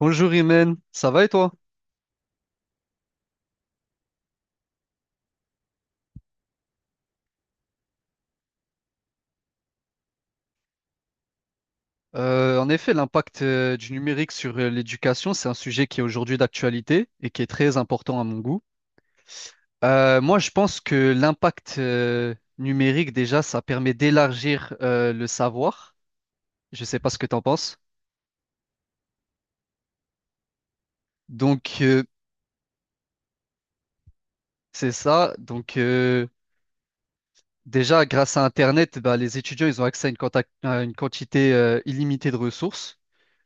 Bonjour Imen, ça va et toi? En effet, l'impact du numérique sur l'éducation, c'est un sujet qui est aujourd'hui d'actualité et qui est très important à mon goût. Moi, je pense que l'impact numérique, déjà, ça permet d'élargir le savoir. Je ne sais pas ce que tu en penses. Donc, euh, c'est ça. Déjà, grâce à Internet, bah, les étudiants, ils ont accès à à une quantité illimitée de ressources.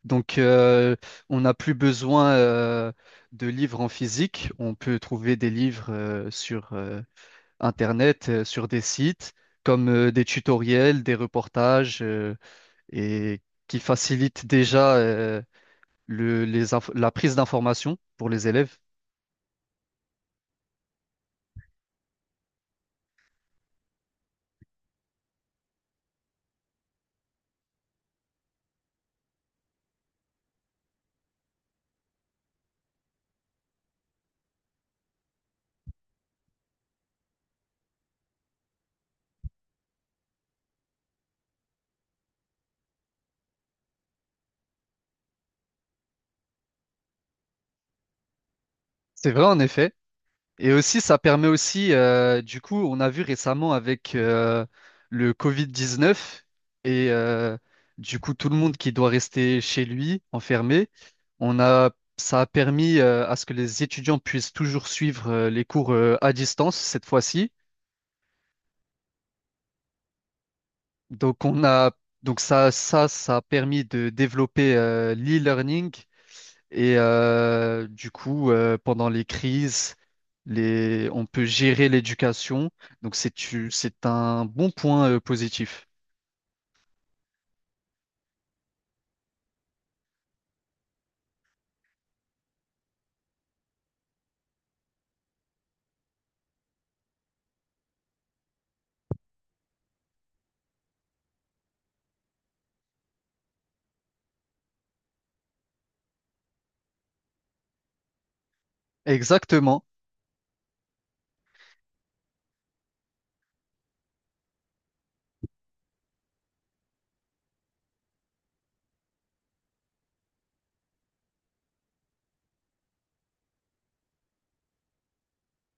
Donc, euh, on n'a plus besoin de livres en physique. On peut trouver des livres sur Internet, sur des sites, comme des tutoriels, des reportages, et qui facilitent déjà la prise d'informations pour les élèves. C'est vrai, en effet. Et aussi, ça permet aussi, du coup, on a vu récemment avec le Covid-19 et du coup tout le monde qui doit rester chez lui, enfermé, on a, ça a permis à ce que les étudiants puissent toujours suivre les cours à distance cette fois-ci. Donc on a, donc ça a permis de développer l'e-learning. Et du coup, pendant les crises, les... on peut gérer l'éducation. Donc, c'est un bon point positif. Exactement,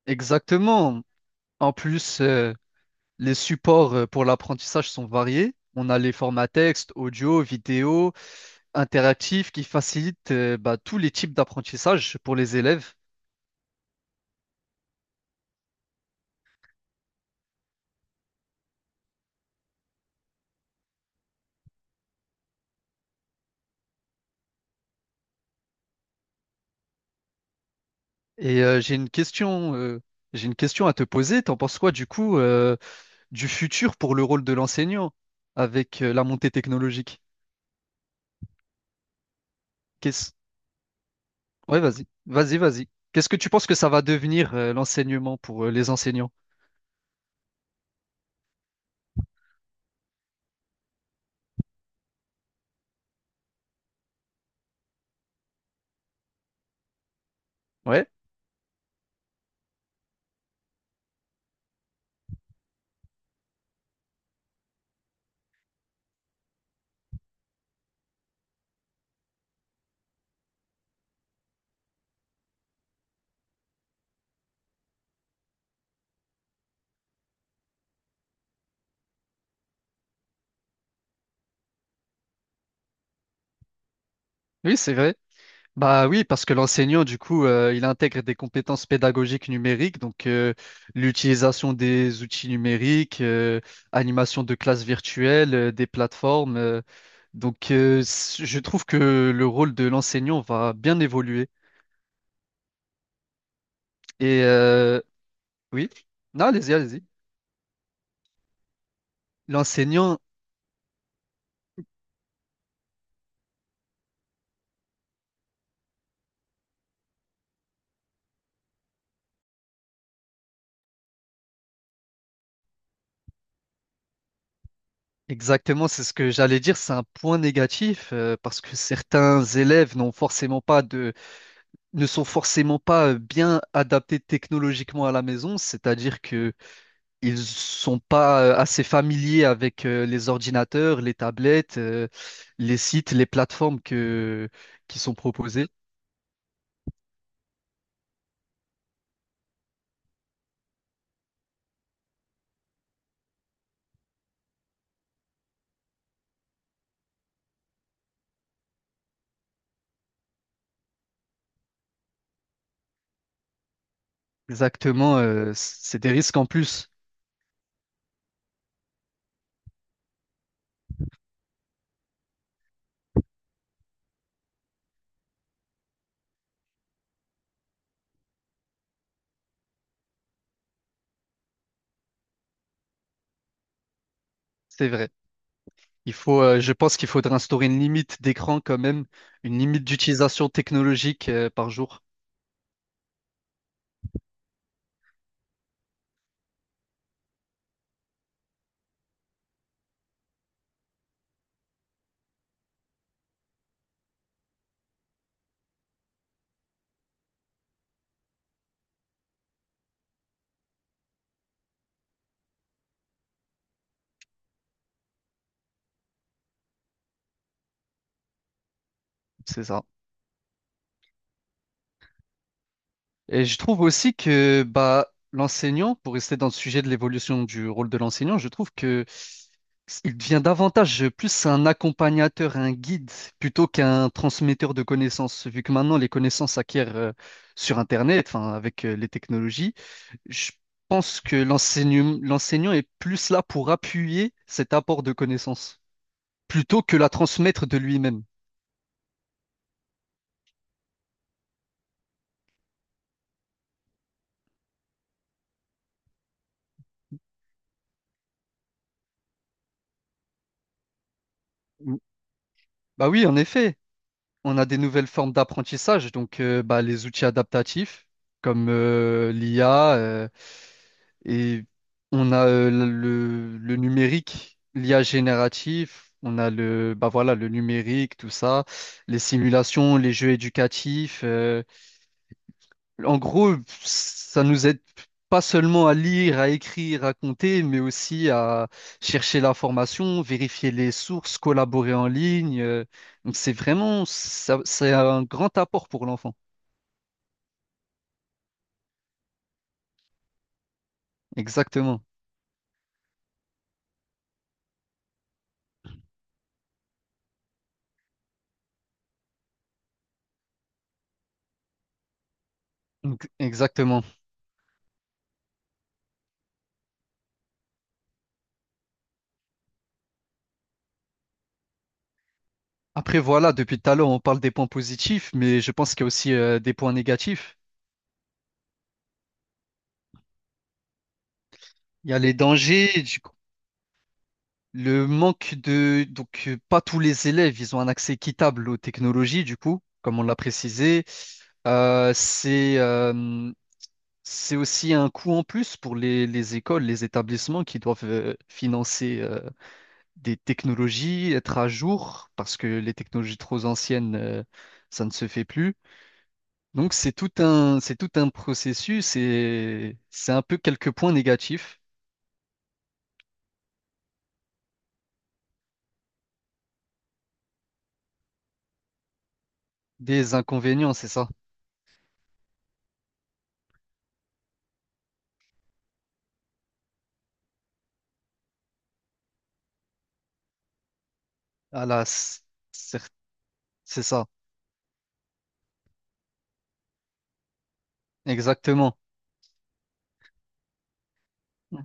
exactement. En plus, les supports pour l'apprentissage sont variés. On a les formats texte, audio, vidéo, interactifs qui facilitent bah, tous les types d'apprentissage pour les élèves. Et j'ai une question, j'ai une question à te poser. T'en penses quoi du coup? Du futur pour le rôle de l'enseignant avec la montée technologique. Qu'est-ce... Ouais, vas-y, vas-y, vas-y. Qu'est-ce que tu penses que ça va devenir l'enseignement pour les enseignants? Ouais, oui, c'est vrai. Bah oui, parce que l'enseignant, du coup, il intègre des compétences pédagogiques numériques, donc l'utilisation des outils numériques, animation de classes virtuelles, des plateformes. Je trouve que le rôle de l'enseignant va bien évoluer. Et oui, non, allez-y, allez-y. L'enseignant, exactement, c'est ce que j'allais dire, c'est un point négatif parce que certains élèves n'ont forcément pas de, ne sont forcément pas bien adaptés technologiquement à la maison, c'est-à-dire que ils sont pas assez familiers avec les ordinateurs, les tablettes, les sites, qui sont proposées. Exactement, c'est des risques en plus, c'est vrai. Il faut, je pense qu'il faudrait instaurer une limite d'écran quand même, une limite d'utilisation technologique par jour. C'est ça. Et je trouve aussi que bah, l'enseignant, pour rester dans le sujet de l'évolution du rôle de l'enseignant, je trouve que il devient davantage plus un accompagnateur, un guide, plutôt qu'un transmetteur de connaissances, vu que maintenant les connaissances s'acquièrent sur Internet, enfin avec les technologies. Je pense que l'enseignant est plus là pour appuyer cet apport de connaissances, plutôt que la transmettre de lui-même. Ou- Bah oui, en effet, on a des nouvelles formes d'apprentissage, donc bah, les outils adaptatifs, comme l'IA, et on a le numérique, l'IA génératif, on a le, bah voilà, le numérique, tout ça, les simulations, les jeux éducatifs. En gros, ça nous aide pas seulement à lire, à écrire, à compter, mais aussi à chercher l'information, vérifier les sources, collaborer en ligne. Donc c'est vraiment, c'est un grand apport pour l'enfant. Exactement. Donc, exactement. Après, voilà, depuis tout à l'heure, on parle des points positifs, mais je pense qu'il y a aussi des points négatifs. Il y a les dangers, du Le manque de... Donc, pas tous les élèves, ils ont un accès équitable aux technologies, du coup, comme on l'a précisé. Euh, c'est euh, c'est aussi un coût en plus pour les écoles, les établissements qui doivent financer des technologies, être à jour, parce que les technologies trop anciennes, ça ne se fait plus. Donc c'est tout un processus et c'est un peu quelques points négatifs, des inconvénients, c'est ça. À la, cer- c'est ça. Exactement. Ouais.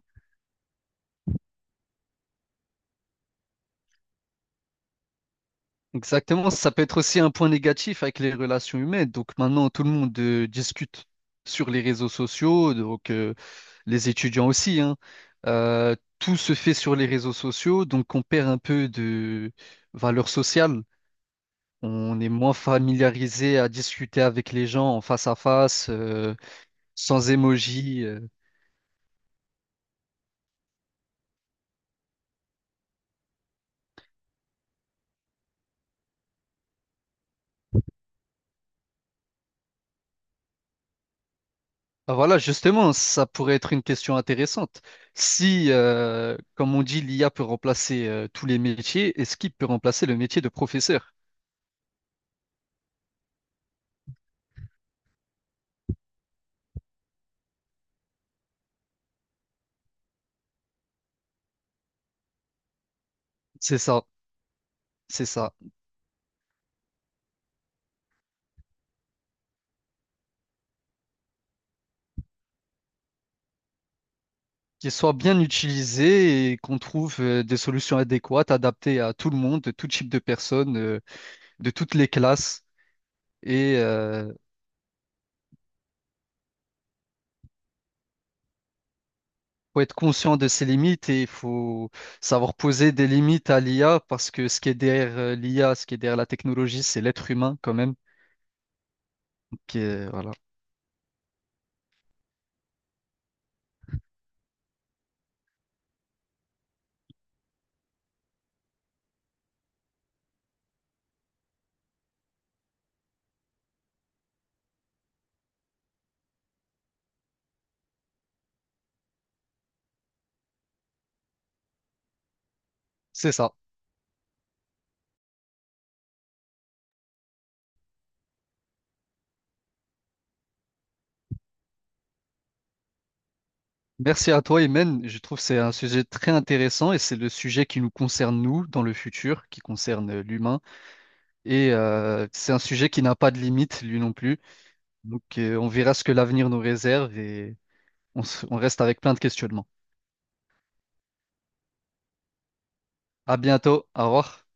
Exactement. Ça peut être aussi un point négatif avec les relations humaines. Donc maintenant, tout le monde discute sur les réseaux sociaux, donc les étudiants aussi, hein. Tout se fait sur les réseaux sociaux, donc on perd un peu de valeur sociale. On est moins familiarisé à discuter avec les gens en face à face, sans émoji. Ah, voilà, justement, ça pourrait être une question intéressante. Si, comme on dit, l'IA peut remplacer tous les métiers, est-ce qu'il peut remplacer le métier de professeur? C'est ça, c'est ça. Qu'il soit bien utilisé et qu'on trouve des solutions adéquates, adaptées à tout le monde, de tout type de personnes, de toutes les classes. Et il faut être conscient de ses limites et il faut savoir poser des limites à l'IA parce que ce qui est derrière l'IA, ce qui est derrière la technologie, c'est l'être humain quand même. Qui est- voilà. C'est ça. Merci à toi, Imen. Je trouve que c'est un sujet très intéressant et c'est le sujet qui nous concerne, nous, dans le futur, qui concerne l'humain. Et c'est un sujet qui n'a pas de limite, lui non plus. Donc, on verra ce que l'avenir nous réserve et on reste avec plein de questionnements. À bientôt. Au revoir.